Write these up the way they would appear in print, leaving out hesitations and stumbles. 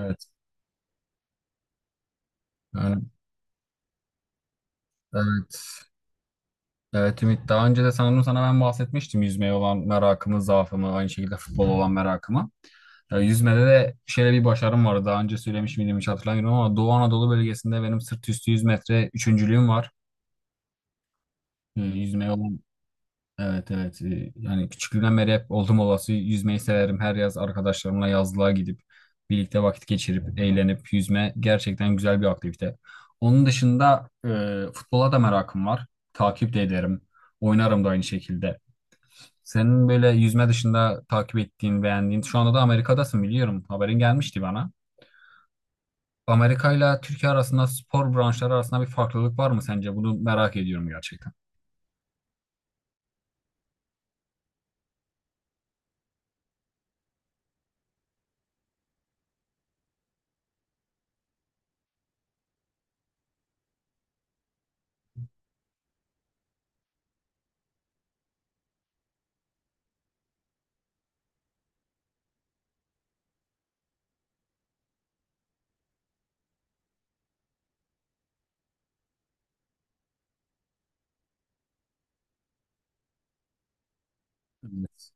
Evet. Yani, evet. Evet Ümit. Daha önce de sanırım sana ben bahsetmiştim yüzmeye olan merakımı, zaafımı, aynı şekilde futbola olan merakımı. Ya, yüzmede de şöyle bir başarım var. Daha önce söylemiş miydim hiç hatırlamıyorum ama Doğu Anadolu bölgesinde benim sırt üstü 100 metre üçüncülüğüm var. Yüzmeye olan evet evet yani küçüklüğümden beri hep oldum olası yüzmeyi severim. Her yaz arkadaşlarımla yazlığa gidip birlikte vakit geçirip eğlenip yüzme gerçekten güzel bir aktivite. Onun dışında futbola da merakım var. Takip de ederim. Oynarım da aynı şekilde. Senin böyle yüzme dışında takip ettiğin, beğendiğin, şu anda da Amerika'dasın biliyorum. Haberin gelmişti bana. Amerika ile Türkiye arasında spor branşları arasında bir farklılık var mı sence? Bunu merak ediyorum gerçekten. Evet.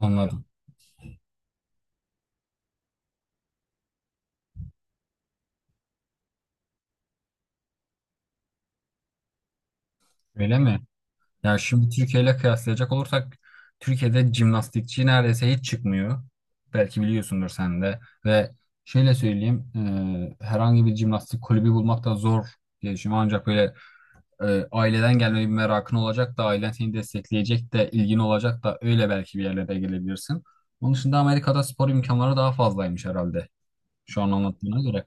Anladım. Öyle mi? Yani şimdi Türkiye ile kıyaslayacak olursak Türkiye'de jimnastikçi neredeyse hiç çıkmıyor. Belki biliyorsundur sen de. Ve şöyle söyleyeyim, herhangi bir jimnastik kulübü bulmak da zor diye düşünüyorum. Ancak böyle aileden gelme bir merakın olacak da ailen seni destekleyecek de ilgin olacak da öyle belki bir yerlere gelebilirsin. Onun dışında Amerika'da spor imkanları daha fazlaymış herhalde. Şu an anlattığına göre.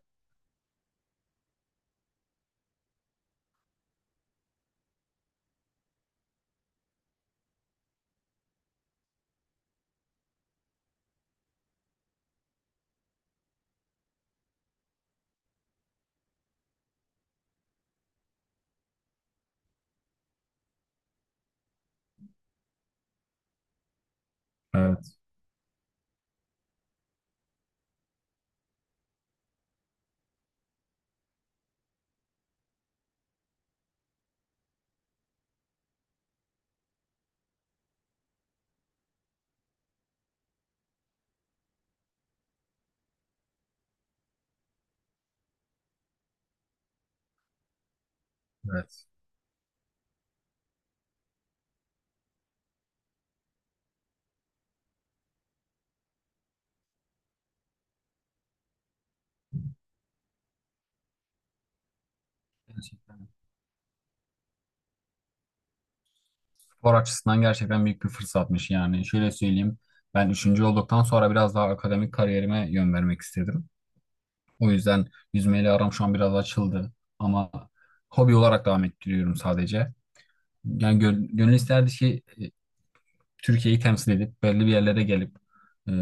Evet, evet. Gerçekten. Spor açısından gerçekten büyük bir fırsatmış yani. Şöyle söyleyeyim. Ben üçüncü olduktan sonra biraz daha akademik kariyerime yön vermek istedim. O yüzden yüzmeyle aram şu an biraz açıldı. Ama hobi olarak devam ettiriyorum sadece. Yani gönül isterdi ki Türkiye'yi temsil edip belli bir yerlere gelip e,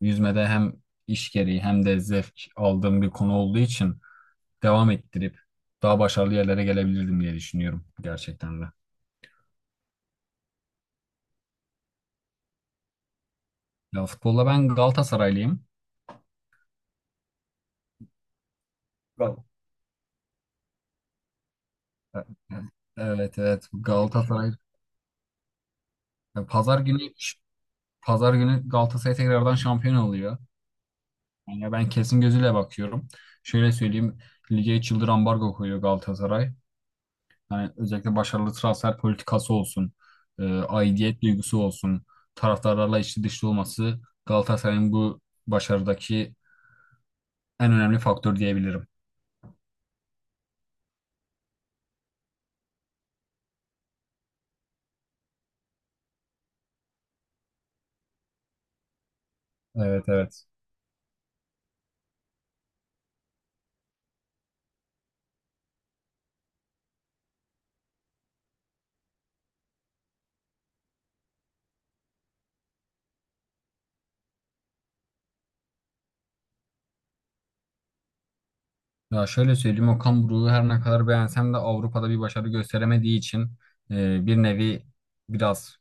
yüzmede hem iş gereği hem de zevk aldığım bir konu olduğu için devam ettirip daha başarılı yerlere gelebilirdim diye düşünüyorum gerçekten de. Ya futbolda ben Galatasaraylıyım. Gal- Evet evet Galatasaray. Ya pazar günü Pazar günü Galatasaray tekrardan şampiyon oluyor. Yani ben kesin gözüyle bakıyorum. Şöyle söyleyeyim, lige 3 yıldır ambargo koyuyor Galatasaray. Yani özellikle başarılı transfer politikası olsun, aidiyet duygusu olsun, taraftarlarla içli dışlı olması Galatasaray'ın bu başarıdaki en önemli faktör diyebilirim. Evet evet. Ya şöyle söyleyeyim, Okan Buruk'u her ne kadar beğensem de Avrupa'da bir başarı gösteremediği için bir nevi biraz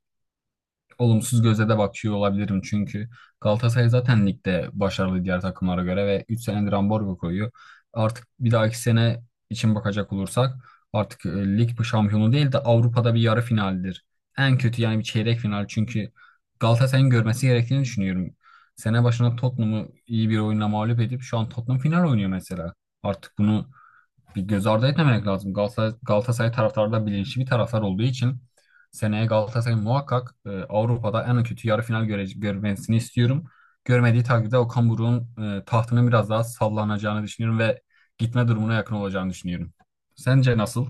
olumsuz gözle de bakıyor olabilirim çünkü Galatasaray zaten ligde başarılı diğer takımlara göre ve 3 senedir ambargo koyuyor. Artık bir dahaki sene için bakacak olursak artık lig bu şampiyonu değil de Avrupa'da bir yarı finaldir. En kötü yani bir çeyrek final çünkü Galatasaray'ın görmesi gerektiğini düşünüyorum. Sene başına Tottenham'ı iyi bir oyunla mağlup edip şu an Tottenham final oynuyor mesela. Artık bunu bir göz ardı etmemek lazım. Galatasaray, Galatasaray taraftarı da bilinçli bir taraftar olduğu için seneye Galatasaray muhakkak Avrupa'da en kötü yarı final görmesini istiyorum. Görmediği takdirde Okan Buruk'un tahtının biraz daha sallanacağını düşünüyorum ve gitme durumuna yakın olacağını düşünüyorum. Sence nasıl?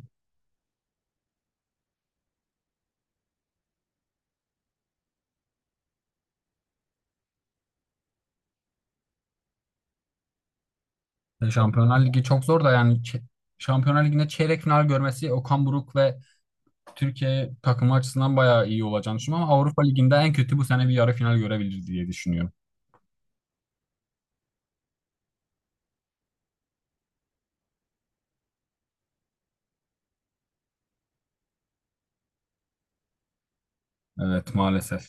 Şampiyonlar Ligi çok zor da yani Şampiyonlar Ligi'nde çeyrek final görmesi Okan Buruk ve Türkiye takımı açısından bayağı iyi olacağını düşünüyorum ama Avrupa Ligi'nde en kötü bu sene bir yarı final görebilir diye düşünüyorum. Evet maalesef.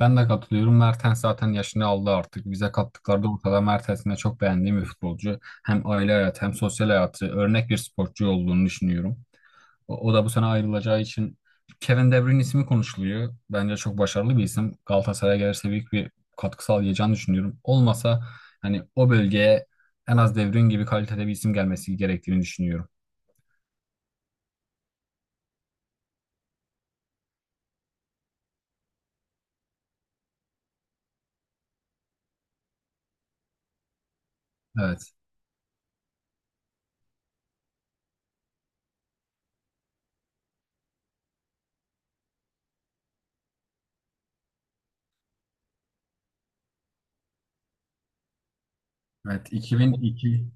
Ben de katılıyorum. Mertens zaten yaşını aldı artık. Bize kattıkları da ortada, Mertens'in de çok beğendiğim bir futbolcu. Hem aile hayatı hem sosyal hayatı örnek bir sporcu olduğunu düşünüyorum. O da bu sene ayrılacağı için Kevin De Bruyne ismi konuşuluyor. Bence çok başarılı bir isim. Galatasaray'a gelirse büyük bir katkı sağlayacağını düşünüyorum. Olmasa hani o bölgeye en az De Bruyne gibi kalitede bir isim gelmesi gerektiğini düşünüyorum. Evet. Evet 2002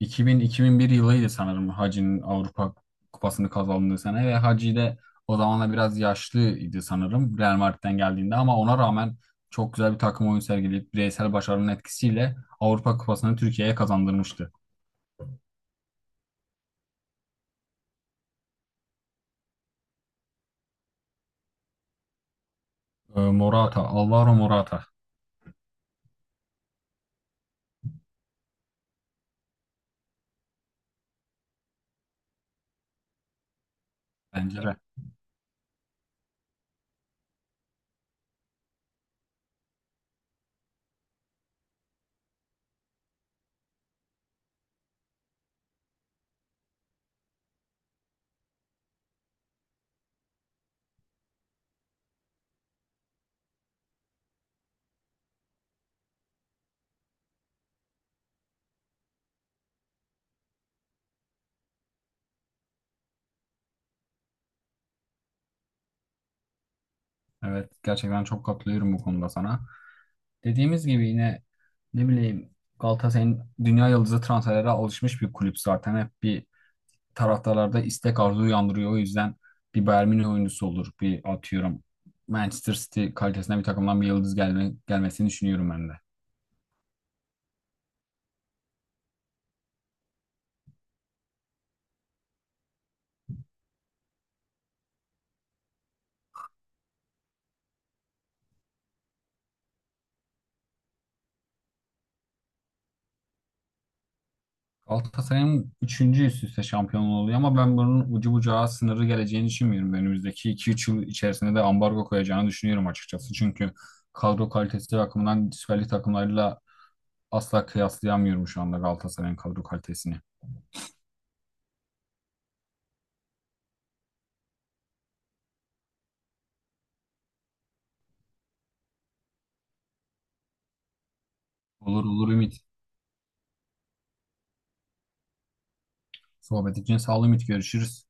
2000-2001 yılıydı sanırım Hacı'nın Avrupa Kupası'nı kazandığı sene ve Hacı de o zamanla biraz yaşlıydı sanırım Real Madrid'den geldiğinde ama ona rağmen çok güzel bir takım oyun sergileyip bireysel başarının etkisiyle Avrupa Kupası'nı Türkiye'ye kazandırmıştı. Alvaro Morata, bence de. Evet gerçekten çok katılıyorum bu konuda sana. Dediğimiz gibi yine ne bileyim Galatasaray'ın dünya yıldızı transferlere alışmış bir kulüp zaten. Hep bir taraftarlarda istek arzu uyandırıyor. O yüzden bir Bayern Münih oyuncusu olur. Bir atıyorum Manchester City kalitesinde bir takımdan bir yıldız gelmesini düşünüyorum ben de. Galatasaray'ın üçüncü üst üste şampiyonluğu oluyor ama ben bunun ucu bucağı sınırı geleceğini düşünmüyorum. Önümüzdeki iki üç yıl içerisinde de ambargo koyacağını düşünüyorum açıkçası. Çünkü kadro kalitesi bakımından Süper Lig takımlarıyla asla kıyaslayamıyorum şu anda Galatasaray'ın kadro kalitesini. Olur olur Ümit. Sohbet için sağ ol Ümit. Görüşürüz.